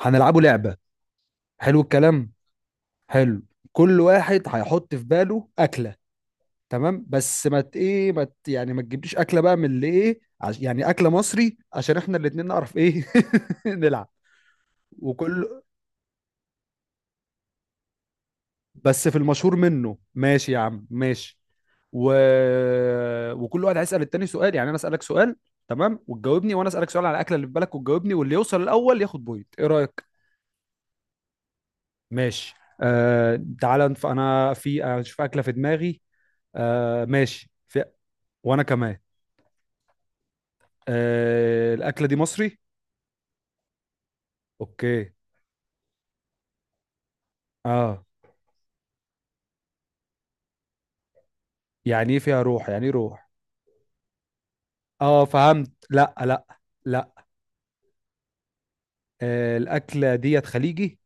هنلعبه لعبة. حلو الكلام. حلو. كل واحد هيحط في باله أكلة. تمام بس ما ت- ايه ما ت- يعني ما تجيبليش أكلة بقى من اللي ايه عش، يعني أكلة مصري عشان احنا الاتنين نعرف ايه. نلعب. وكل بس في المشهور منه. ماشي يا عم ماشي. و... وكل واحد هيسأل التاني سؤال، يعني انا أسألك سؤال، تمام، وتجاوبني، وانا أسألك سؤال على الأكلة اللي في بالك وتجاوبني، واللي يوصل الأول ياخد بوينت. ايه رأيك؟ ماشي. تعالى انا في اشوف اكله في دماغي. ماشي وانا كمان. الاكله دي مصري؟ اوكي. اه. يعني ايه فيها روح؟ يعني ايه روح؟ اه فهمت. لا لا. لا. الاكله ديت خليجي؟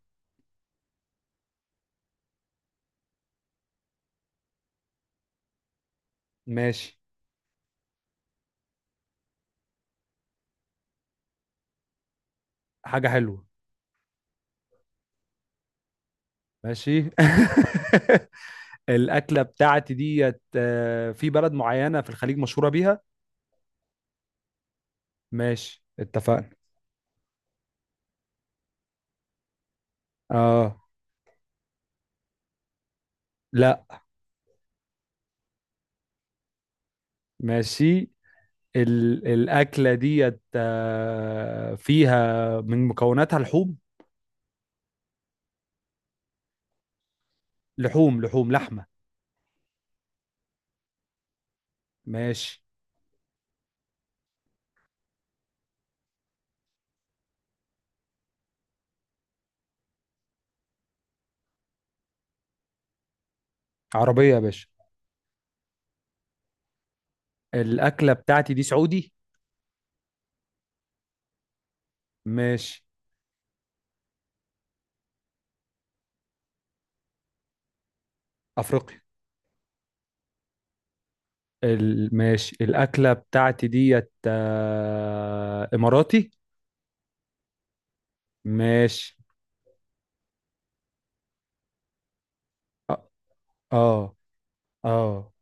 ماشي. حاجه حلوه. ماشي. الاكله بتاعتي ديت في بلد معينه في الخليج مشهوره بيها. ماشي اتفقنا. اه. لا. ماشي. الاكله ديت فيها من مكوناتها لحوم. لحوم لحمه. ماشي. عربية يا باشا. الأكلة بتاعتي دي سعودي؟ ماشي. أفريقي. ماشي. الأكلة بتاعتي ديت إماراتي؟ ماشي. آه. آه. آه.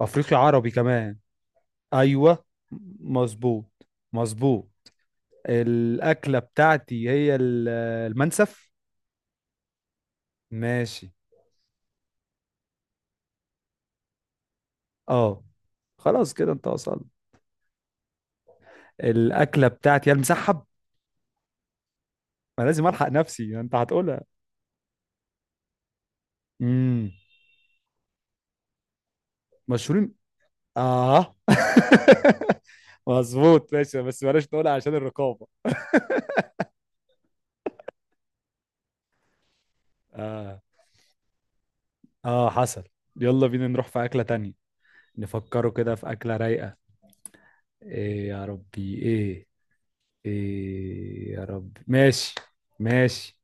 أفريقي عربي كمان. أيوة. مظبوط. مظبوط. الأكلة بتاعتي هي المنسف. ماشي. آه. خلاص كده أنت وصلت. الأكلة بتاعتي هي المسحب. ما لازم ألحق نفسي، أنت هتقولها. امم. مشهورين. اه. مظبوط ماشي، بس بلاش نقولها عشان الرقابة. اه. اه حصل. يلا بينا نروح في أكلة تانية. نفكروا كده في أكلة رايقة. ايه يا ربي ايه. ايه يا ربي. ماشي. ماشي.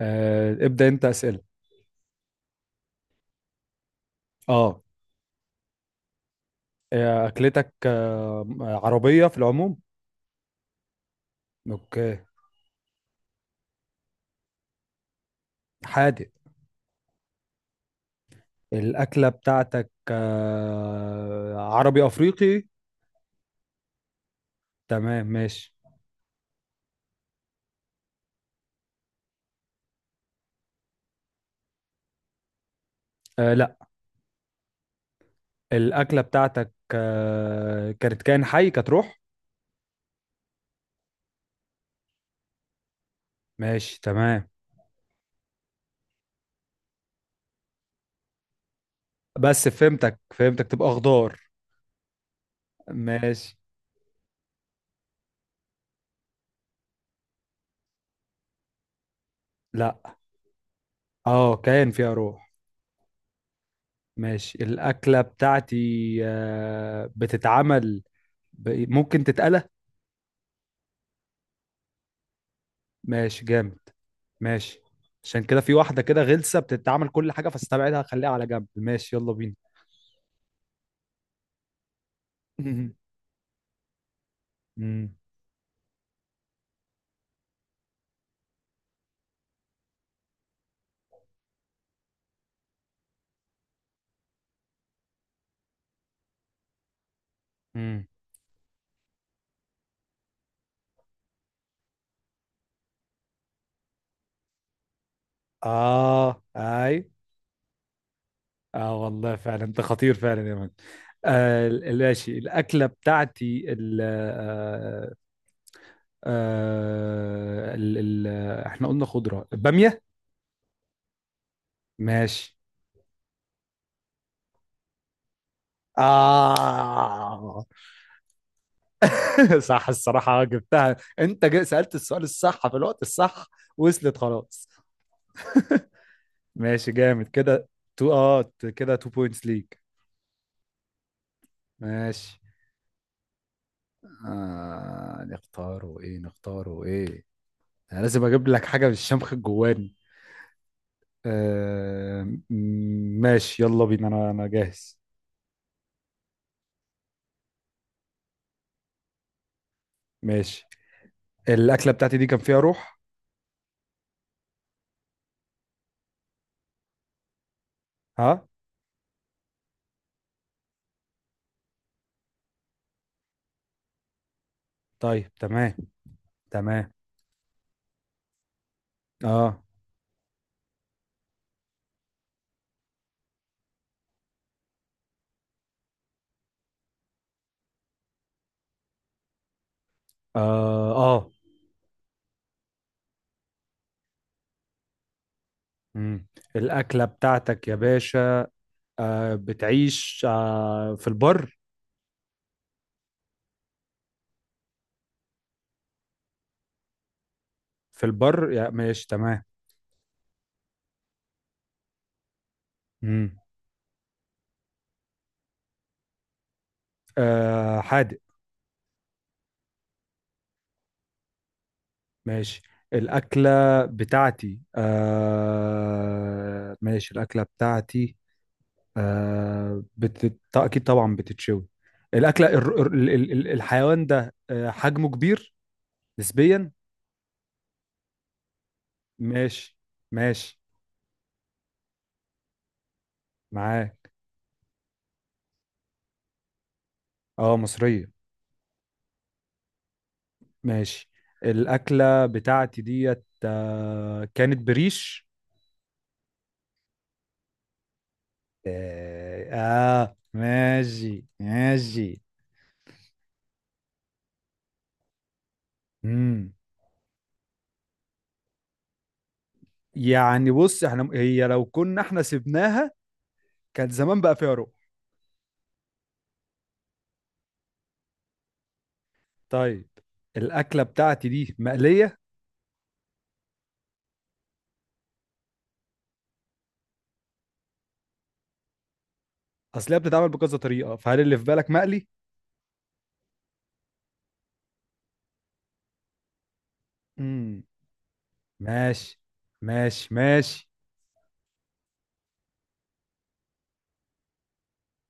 ابدأ انت أسئلة. اه. آه، أكلتك عربية في العموم. اوكي. حادق. الأكلة بتاعتك عربي أفريقي. تمام ماشي. آه لا. الأكلة بتاعتك كانت كائن حي، كانت روح؟ ماشي تمام. بس فهمتك فهمتك، تبقى خضار. ماشي. لا. اه كائن فيها روح. ماشي. الأكلة بتاعتي بتتعمل. ممكن تتقلى. ماشي جامد. ماشي. عشان كده في واحدة كده غلسة بتتعمل كل حاجة، فاستبعدها خليها على جنب. ماشي يلا بينا. مم. مم. اه اي. اه والله فعلا انت خطير فعلا يا مان. ماشي. الاكله بتاعتي ال آه آه ال ال احنا قلنا خضره؟ باميه؟ ماشي. اه. صح الصراحه. آه، جبتها انت. سالت السؤال الصح في الوقت الصح. وصلت خلاص. ماشي جامد كده. تو كده تو بوينتس ليك. ماشي. نختاره ايه؟ نختاره ايه؟ انا لازم اجيب لك حاجه بالشمخ الجواني. آه ماشي يلا بينا. انا جاهز. ماشي. الاكله بتاعتي دي كان فيها روح. ها. طيب تمام. تمام. اه. اه. اه. مم. الاكله بتاعتك يا باشا بتعيش في البر. في البر، يا ماشي تمام. مم. حادق. ماشي. الاكله بتاعتي آه ماشي الاكله بتاعتي آه بت... اكيد طبعا بتتشوي. الاكله الحيوان ده حجمه كبير نسبيا. ماشي. ماشي. معاه. اه مصريه. ماشي. الاكله بتاعتي ديت كانت بريش. اه. آه، ماشي ماشي. امم. يعني بص، احنا هي لو كنا احنا سبناها كان زمان بقى فيها روح. طيب. الاكله بتاعتي دي مقليه. اصل هي بتتعمل بكذا طريقه، فهل اللي في بالك مقلي؟ امم. ماشي. ماشي ماشي.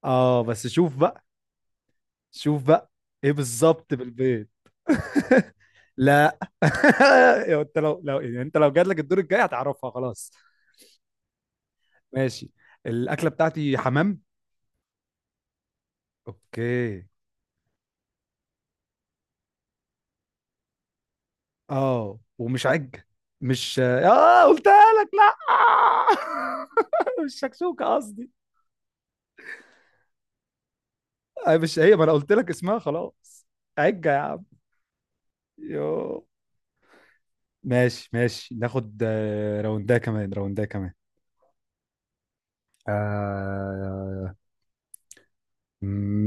اه بس شوف بقى. شوف بقى. ايه بالظبط بالبيض. لا يا انت، لو يعني انت لو جات لك الدور الجاي هتعرفها خلاص. ماشي. الاكله بتاعتي حمام؟ اوكي. اه ومش عج. مش اه قلتها لك. لا مش شكشوكه قصدي. آه، مش هي، ما انا قلت لك اسمها خلاص. عجه يا عم. يو. ماشي ماشي. ناخد راوندها كمان. راوندها كمان. آه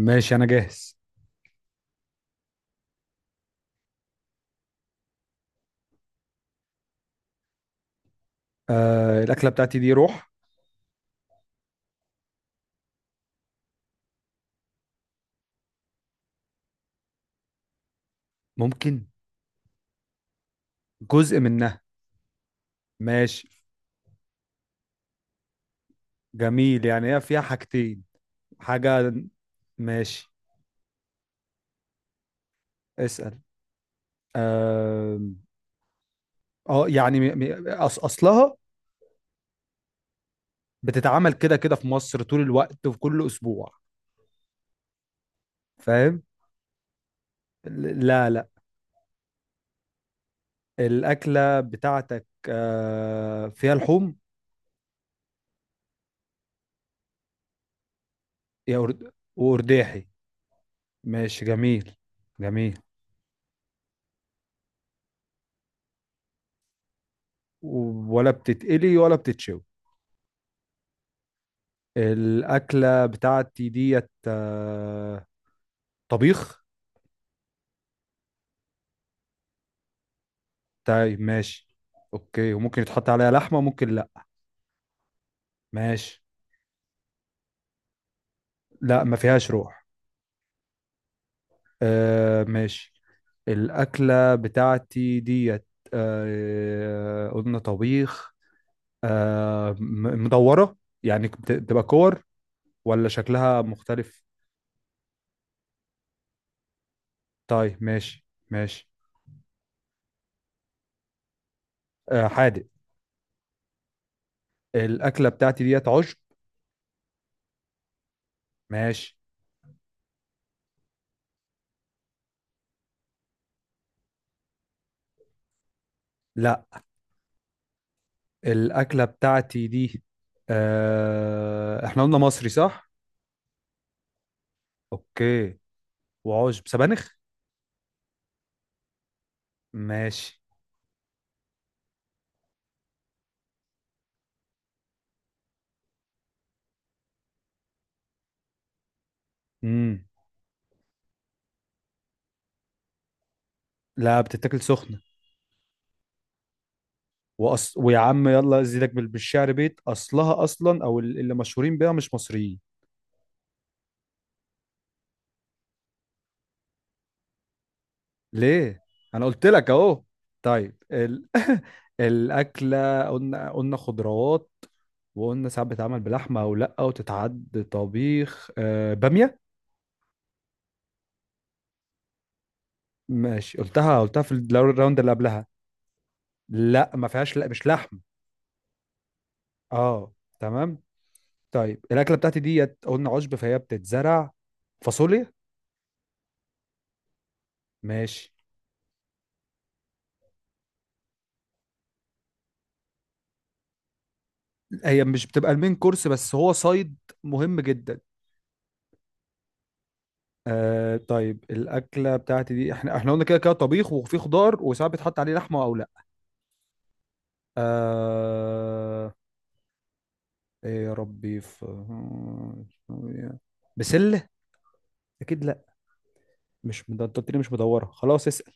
ماشي انا جاهز. الاكله بتاعتي دي روح. ممكن. جزء منها. ماشي جميل، يعني هي فيها حاجتين. حاجه. ماشي. اسال. اه. آه، يعني م- م- أص اصلها بتتعمل كده كده في مصر طول الوقت وفي كل اسبوع. فاهم. لا لا. الاكله بتاعتك فيها لحوم. وأرداحي. ماشي جميل. جميل. ولا بتتقلي ولا بتتشوي. الأكلة بتاعتي ديت طبيخ. طيب ماشي. أوكي، وممكن يتحط عليها لحمة ممكن لأ. ماشي. لأ ما فيهاش روح. ماشي. الأكلة بتاعتي ديت قلنا طبيخ. مدورة. يعني بتبقى كور، ولا شكلها مختلف؟ طيب ماشي ماشي. حادق. الأكلة بتاعتي ديت عشب. ماشي. لا. الأكلة بتاعتي دي احنا قلنا مصري صح؟ اوكي. وعشب سبانخ؟ ماشي. امم. لا بتتاكل سخنة. ويا عم يلا ازيدك بالشعر، بيت اصلها اصلا او اللي مشهورين بيها مش مصريين. ليه؟ انا قلت لك اهو. طيب الأكلة قلنا، قلنا خضروات. وقلنا ساعات بتتعمل بلحمة او لا وتتعد طبيخ بامية. ماشي، قلتها قلتها في الراوند اللي قبلها. لا ما فيهاش، لا مش لحم. اه تمام. طيب الاكله بتاعتي ديت قلنا عشب فهي بتتزرع. فاصوليا. ماشي. هي مش بتبقى المين كورس، بس هو صيد مهم جدا. طيب الاكله بتاعتي دي احنا قلنا كده كده طبيخ وفي خضار وساعات بيتحط عليه لحمه او لا. آه ايه يا ربي في. بسله. اكيد لا. مش مد- انت قلت لي مش مدوره خلاص. اسال.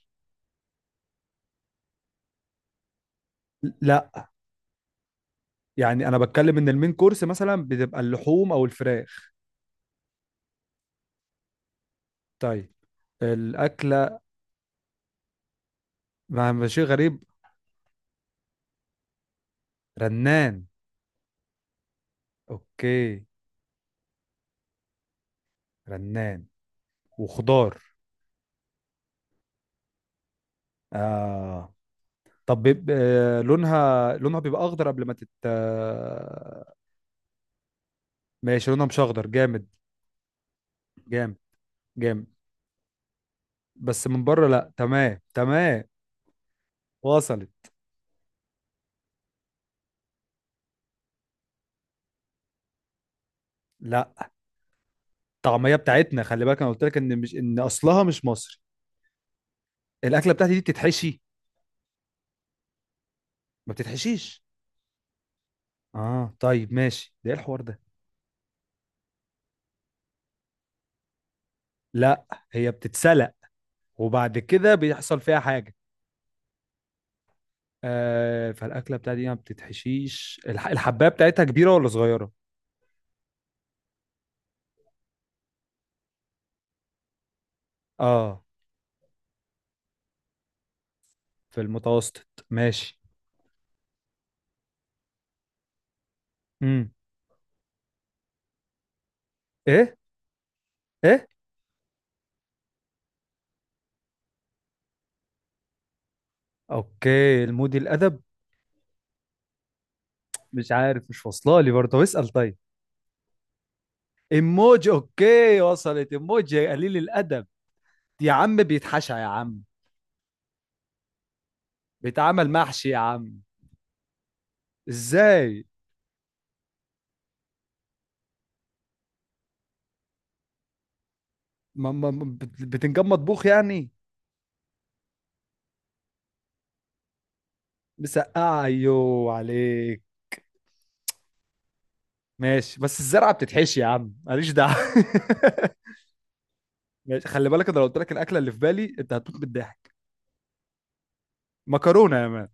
لا. يعني انا بتكلم ان المين كورس مثلا بتبقى اللحوم او الفراخ. طيب. الاكله. ما شيء غريب. رنان. اوكي. رنان وخضار. آه طب بيبقى لونها، لونها بيبقى اخضر قبل ما تت ماشي. لونها مش اخضر جامد. جامد جامد. بس من بره لا. تمام تمام. وصلت. لا. الطعميه بتاعتنا، خلي بالك انا قلت لك ان مش ان اصلها مش مصري. الاكله بتاعتي دي بتتحشي. ما بتتحشيش. اه طيب ماشي. ده ايه الحوار ده. لا هي بتتسلق وبعد كده بيحصل فيها حاجة. فالأكلة بتاعتي دي ما بتتحشيش. الحباية بتاعتها كبيرة ولا صغيرة؟ اه. في المتوسط. ماشي. امم. ايه. ايه. اوكي المودي الأدب. مش عارف، مش واصلة لي برضه. اسأل طيب. ايموجي اوكي وصلت. ايموجي قليل الأدب. يا عم بيتحشى يا عم. بيتعمل محشي يا عم. ازاي؟ بتنجان مطبوخ يعني. مسقعة ايوه عليك. ماشي، بس الزرعه بتتحشي يا عم ماليش دعوه. ماشي، خلي بالك انا لو قلت لك الاكله اللي في بالي انت هتموت بالضحك. مكرونه يا مان.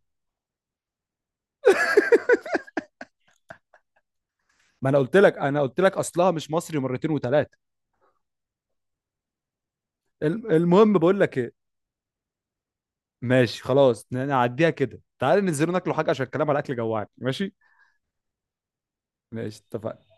ما انا قلت لك، اصلها مش مصري مرتين وثلاثه. المهم بقول لك ايه. ماشي خلاص نعديها كده. تعالى ننزل ناكلوا حاجه عشان الكلام على الاكل جوعني. ماشي. ماشي اتفقنا.